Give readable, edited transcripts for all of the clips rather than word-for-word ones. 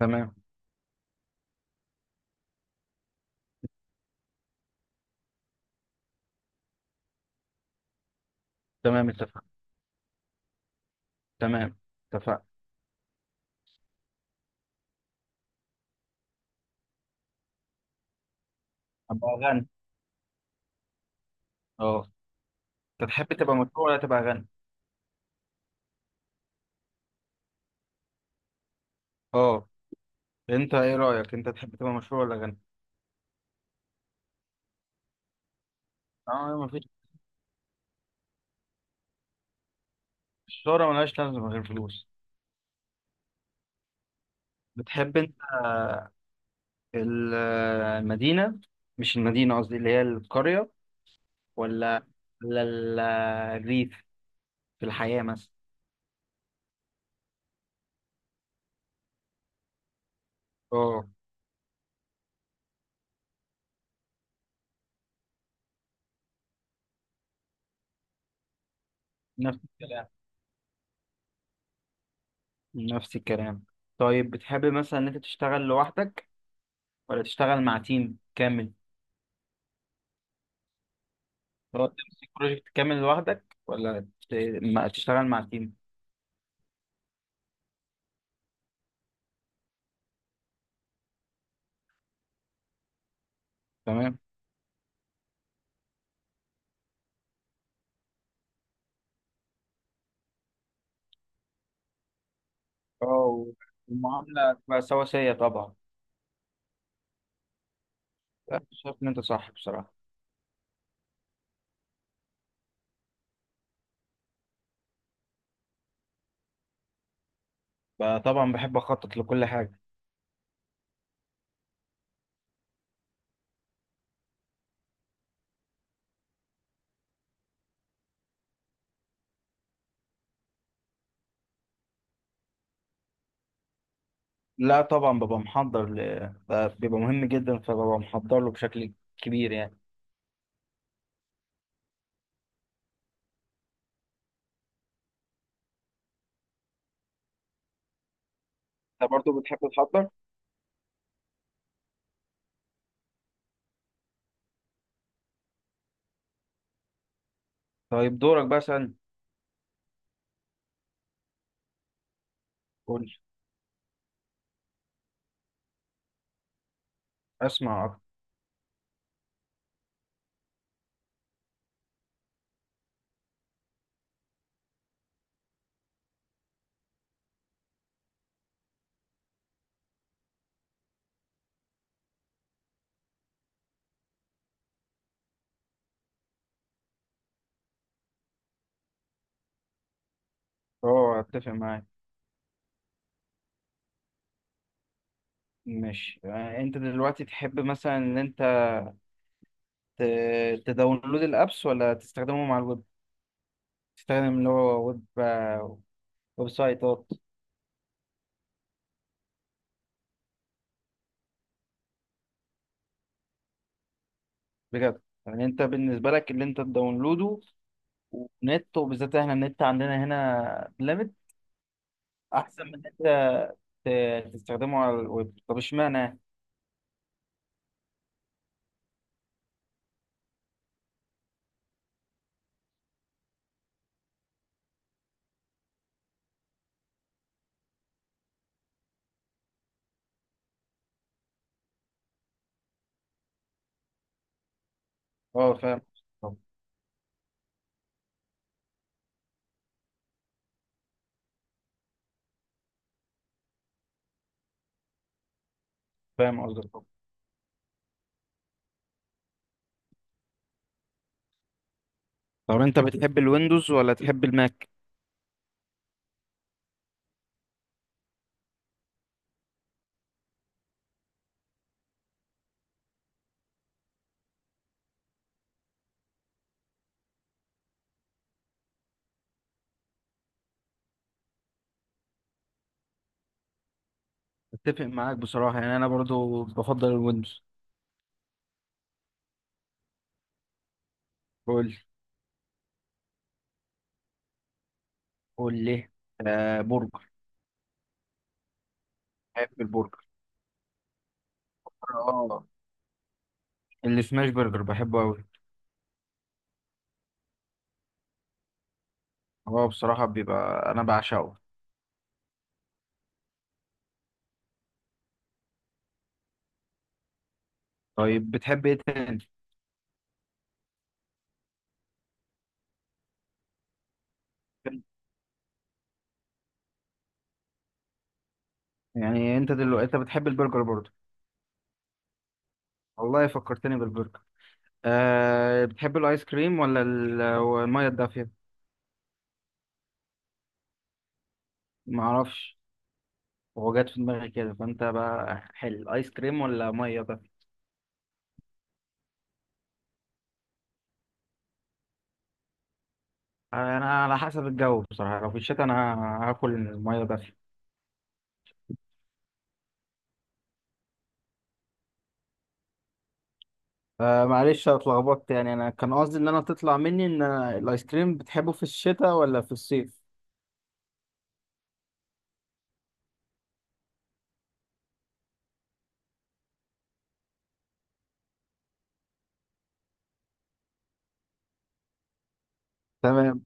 تمام. تمام اتفق. تمام اتفق. ابقى غني. اه. انت تحب تبقى مشهور ولا تبقى غني؟ اه. انت ايه رايك، انت تحب تبقى مشهور ولا غني؟ اه مفيش. الشهرة ملهاش لازمه غير فلوس. بتحب انت آه، المدينه، مش المدينه قصدي اللي هي القريه، ولا ولا الريف في الحياه مثلا؟ اه. نفس الكلام. نفس الكلام. طيب بتحب مثلا ان انت تشتغل لوحدك ولا تشتغل مع تيم كامل؟ هو تمسك بروجكت كامل لوحدك ولا تشتغل مع تيم؟ تمام. اه. المعاملة تبقى سواسية طبعا. لا، شايف إن أنت صح بصراحة. طبعا بحب أخطط لكل حاجة. لا طبعا ببقى محضر بيبقى مهم جدا فببقى محضر له بشكل كبير يعني. أنت برضه بتحب تحضر؟ طيب دورك بقى سألني. قول. أسمع أكتر. أه أتفق معاك. ماشي، يعني أنت دلوقتي تحب مثلا إن أنت ت- تداونلود الأبس ولا تستخدمه مع الويب؟ تستخدم اللي هو ويب، ويب سايتات؟ بجد؟ يعني انت بالنسبه لك اللي انت تداونلوده، ونت وبالذات احنا النت عندنا هنا ليميت، احسن من ان انت تستخدمه على الويب؟ طب اشمعنى؟ اه فاهم. طب. فاهم قصدك. طب طب انت بتحب الويندوز ولا تحب الماك؟ اتفق معاك بصراحه، يعني انا برضو بفضل الويندوز. قول. قول ليه. آه برجر. بحب البرجر. اه السماش برجر بحبه قوي. هو بصراحه بيبقى، انا بعشقه. طيب بتحب ايه تاني؟ يعني انت دلوقتي انت بتحب البرجر برضه؟ والله فكرتني بالبرجر. أه، بتحب الايس كريم ولا الميه الدافيه؟ ما اعرفش، هو جات في دماغي كده، فانت بقى حل، ايس كريم ولا ميه دافيه؟ انا على حسب الجو بصراحه، لو في الشتاء انا هاكل الميه دافيه. أه معلش أنا اتلخبطت، يعني انا كان قصدي ان انا تطلع مني ان أنا الايس كريم بتحبه في الشتاء ولا في الصيف. تمام.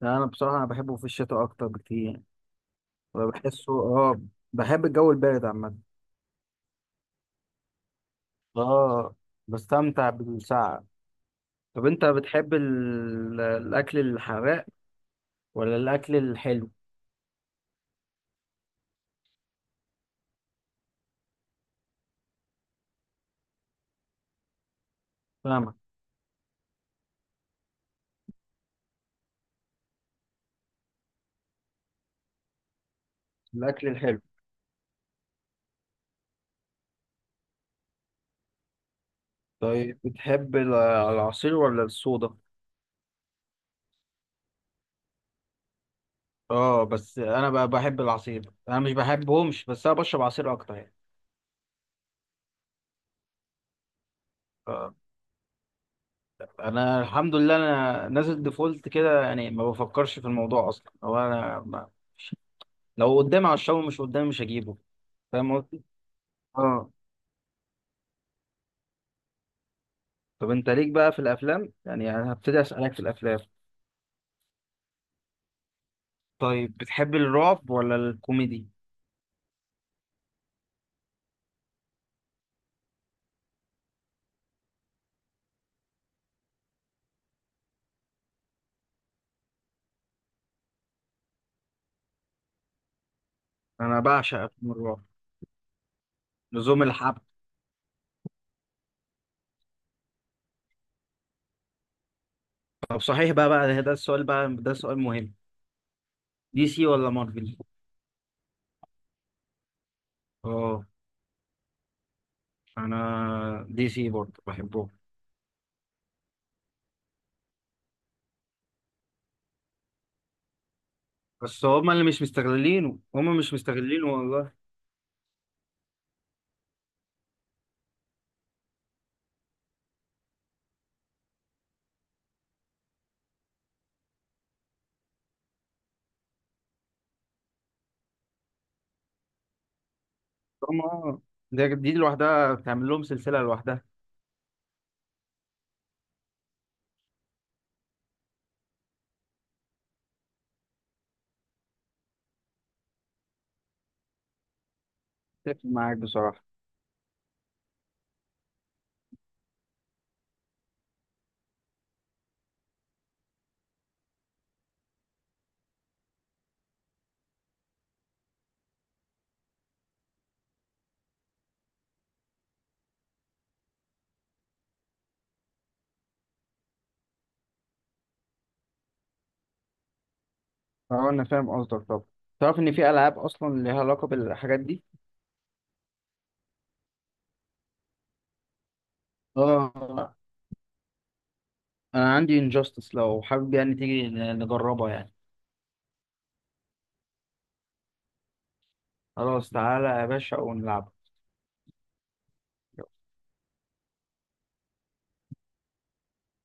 لا، انا بصراحه انا بحبه في الشتاء اكتر بكتير. أنا بحسه، اه، بحب الجو البارد عامة. اه بستمتع بالساعة. طب انت بتحب الاكل الحراق ولا الاكل الحلو؟ فاهمك. الاكل الحلو. طيب بتحب العصير ولا الصودا؟ اه بس انا بقى بحب العصير، انا مش بحبهمش بس انا بشرب عصير اكتر يعني. آه. انا الحمد لله انا نازل ديفولت كده، يعني ما بفكرش في الموضوع اصلا، هو انا ما... لو قدامي هشربه، مش قدامي مش هجيبه. فاهم قصدي؟ اه. طب انت ليك بقى في الافلام، يعني انا هبتدي اسالك في الافلام. طيب بتحب الرعب ولا الكوميدي؟ انا بعشق افلام الرعب. لزوم الحب. طب صحيح بقى، ده السؤال بقى، ده سؤال مهم. دي سي ولا مارفل؟ اه انا دي سي برضه بحبهم. بس هما اللي مش مستغلينه، هما مش مستغلينه والله. هما اه. ده دي لوحدها تعمل لهم سلسله لوحدها. اتفق معاك بصراحه. اه انا فاهم قصدك. طب تعرف ان في العاب اصلا ليها علاقه بالحاجات دي؟ اه انا عندي انجاستس، لو حابب يعني تيجي نجربها يعني. خلاص تعالى يا باشا ونلعب.